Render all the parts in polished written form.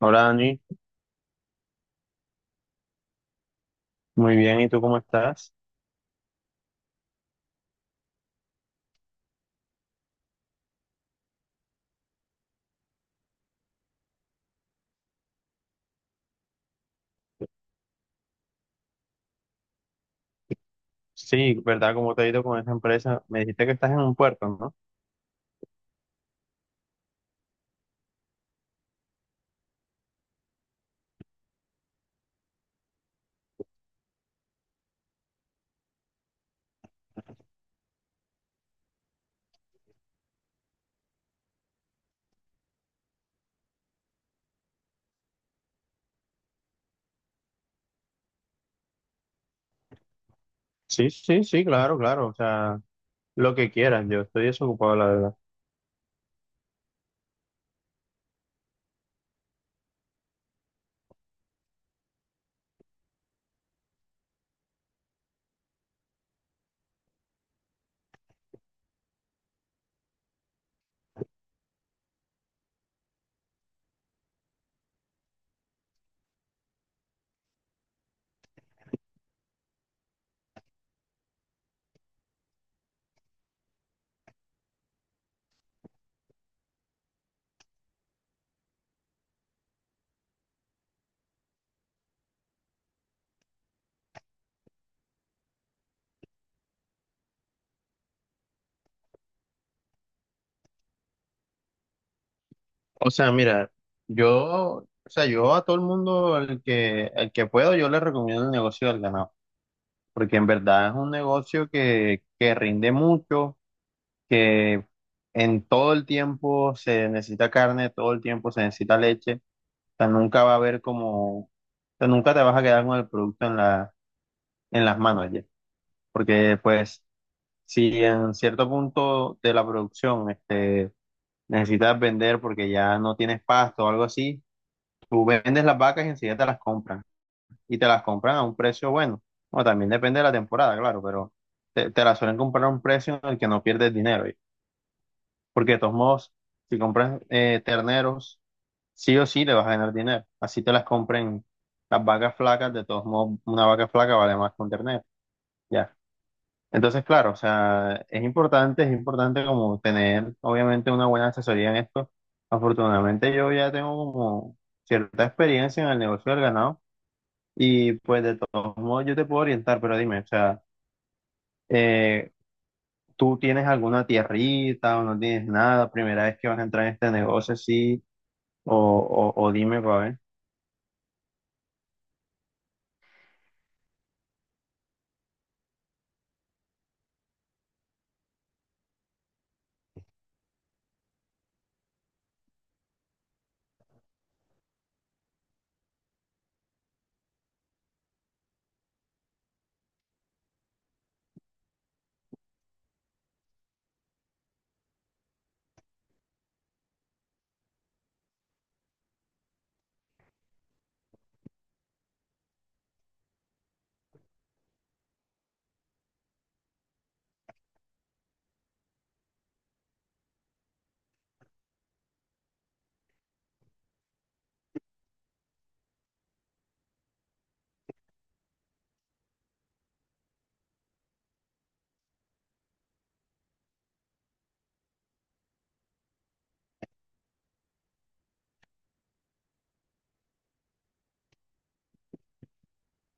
Hola Dani, muy bien, ¿y tú cómo estás? Sí, ¿verdad? ¿Cómo te ha ido con esa empresa? Me dijiste que estás en un puerto, ¿no? Sí, sí, sí, claro, claro, o sea, lo que quieras, yo estoy desocupado, la verdad. O sea, mira, yo, o sea, yo a todo el mundo, el que puedo, yo le recomiendo el negocio del ganado, porque en verdad es un negocio que rinde mucho, que en todo el tiempo se necesita carne, todo el tiempo se necesita leche. Nunca va a haber como, o sea, nunca te vas a quedar con el producto en las manos ya. Porque pues, si en cierto punto de la producción necesitas vender porque ya no tienes pasto o algo así, tú vendes las vacas y enseguida te las compran. Y te las compran a un precio bueno. O también depende de la temporada, claro, pero te las suelen comprar a un precio en el que no pierdes dinero, ya. Porque de todos modos, si compras terneros, sí o sí le vas a ganar dinero. Así te las compren las vacas flacas, de todos modos, una vaca flaca vale más que un ternero. Ya. Entonces, claro, o sea, es importante como tener, obviamente, una buena asesoría en esto. Afortunadamente, yo ya tengo como cierta experiencia en el negocio del ganado y pues de todos modos yo te puedo orientar, pero dime, o sea, eh, ¿tú tienes alguna tierrita o no tienes nada? ¿Primera vez que vas a entrar en este negocio, sí? O dime para ver.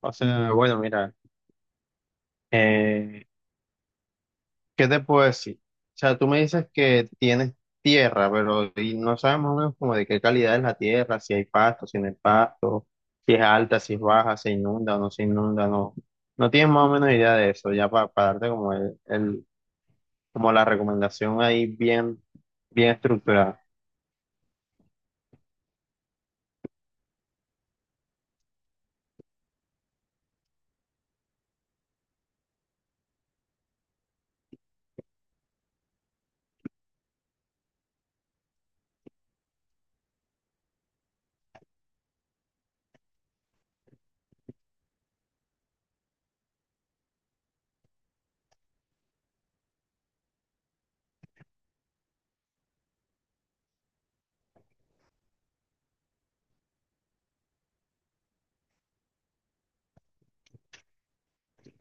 O sea, bueno, mira. Eh, ¿Qué te puedo decir? O sea, tú me dices que tienes tierra, pero y no sabes más o menos como de qué calidad es la tierra, si hay pasto, si no hay pasto, si es alta, si es baja, se inunda o no se inunda, no. No tienes más o menos idea de eso, ya para darte como como la recomendación ahí bien, bien estructurada.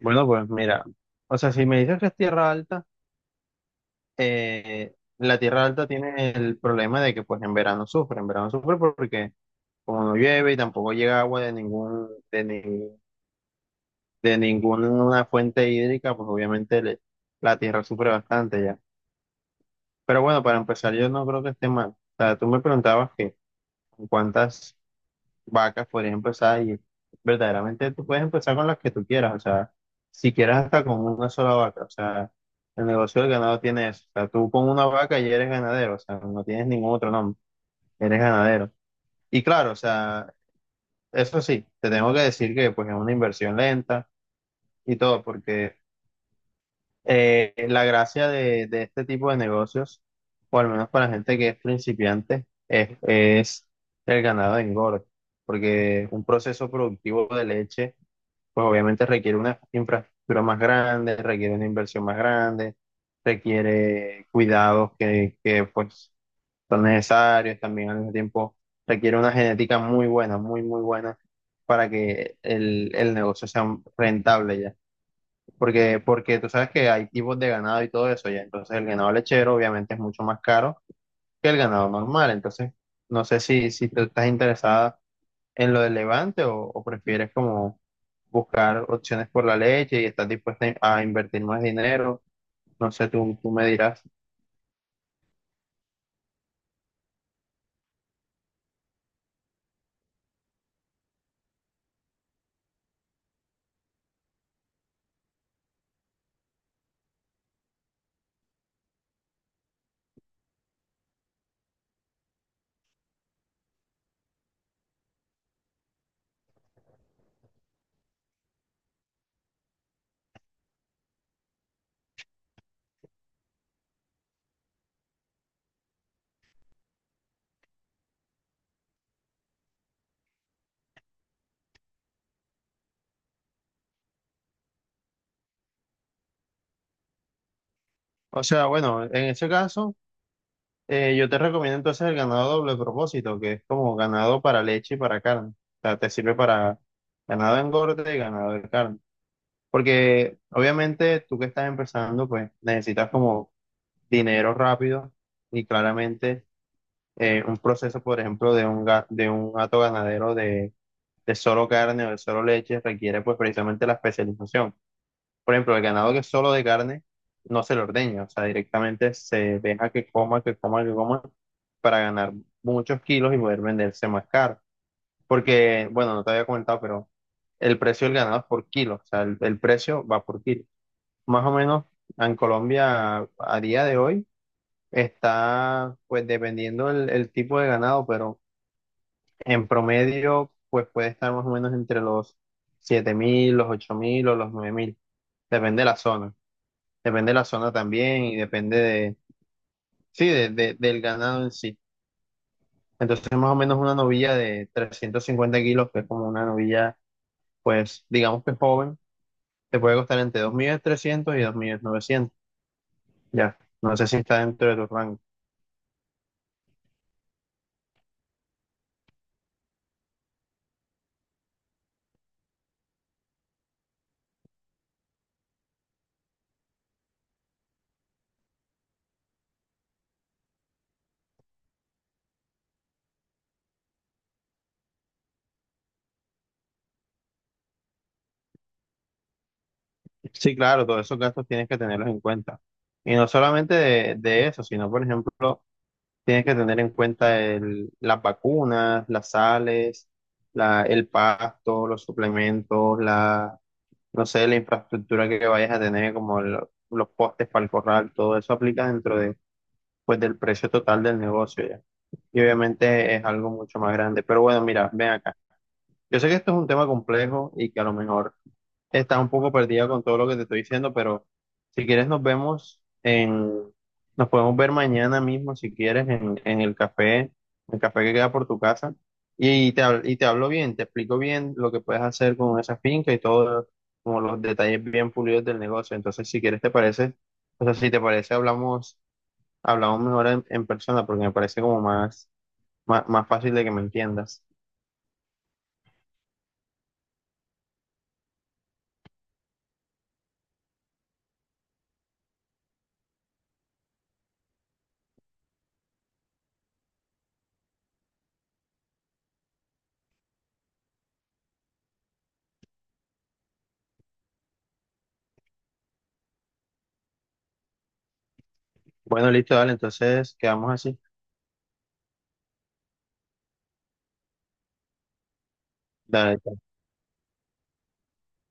Bueno, pues mira, o sea, si me dices que es tierra alta, la tierra alta tiene el problema de que pues en verano sufre porque como no llueve y tampoco llega agua de ningún, de ni- de ninguna fuente hídrica, pues obviamente la tierra sufre bastante ya. Pero bueno, para empezar, yo no creo que esté mal. O sea, tú me preguntabas que con cuántas vacas podrías empezar y verdaderamente tú puedes empezar con las que tú quieras, o sea, si quieres hasta con una sola vaca, o sea, el negocio del ganado tiene eso. O sea, tú con una vaca ya eres ganadero, o sea, no tienes ningún otro nombre, eres ganadero. Y claro, o sea, eso sí, te tengo que decir que pues es una inversión lenta y todo, porque la gracia de este tipo de negocios, o al menos para la gente que es principiante, es el ganado de engorde, porque un proceso productivo de leche, pues obviamente requiere una infraestructura más grande, requiere una inversión más grande, requiere cuidados que pues son necesarios, también al mismo tiempo requiere una genética muy buena, muy, muy buena para que el negocio sea rentable ya. Porque tú sabes que hay tipos de ganado y todo eso ya, entonces el ganado lechero obviamente es mucho más caro que el ganado normal, entonces no sé si tú estás interesada en lo del Levante o prefieres como buscar opciones por la leche y estás dispuesta a invertir más dinero, no sé, tú me dirás. O sea, bueno, en ese caso. Yo te recomiendo entonces el ganado doble propósito, que es como ganado para leche y para carne. O sea, te sirve para ganado de engorde y ganado de carne. Porque obviamente tú que estás empezando, pues necesitas como dinero rápido y claramente un proceso, por ejemplo, de un hato ganadero de solo carne o de solo leche requiere pues precisamente la especialización. Por ejemplo, el ganado que es solo de carne no se le ordeña, o sea, directamente se deja que coma, que coma, que coma para ganar muchos kilos y poder venderse más caro. Porque, bueno, no te había comentado, pero el precio del ganado es por kilo, o sea, el precio va por kilo. Más o menos en Colombia a día de hoy está, pues dependiendo el tipo de ganado, pero en promedio, pues puede estar más o menos entre los 7.000, los 8.000 o los 9.000, depende de la zona. Depende de la zona también y depende de, sí, del ganado en sí. Entonces, más o menos una novilla de 350 kilos, que es como una novilla, pues, digamos que joven, te puede costar entre 2.300.000 y 2.900.000. Ya, no sé si está dentro de tu rango. Sí, claro, todos esos gastos tienes que tenerlos en cuenta. Y no solamente de eso, sino, por ejemplo, tienes que tener en cuenta las vacunas, las sales, el pasto, los suplementos, la, no sé, la infraestructura que vayas a tener, como los postes para el corral, todo eso aplica dentro de, pues, del precio total del negocio ya. Y obviamente es algo mucho más grande. Pero bueno, mira, ven acá. Yo sé que esto es un tema complejo y que a lo mejor estás un poco perdida con todo lo que te estoy diciendo, pero si quieres nos vemos en, nos podemos ver mañana mismo si quieres en, el café que queda por tu casa y, y te hablo bien, te explico bien lo que puedes hacer con esa finca y todo, como los detalles bien pulidos del negocio. Entonces, si quieres te parece, o sea, si te parece hablamos, mejor en persona porque me parece como más, más, más fácil de que me entiendas. Bueno, listo, dale, entonces quedamos así. Dale.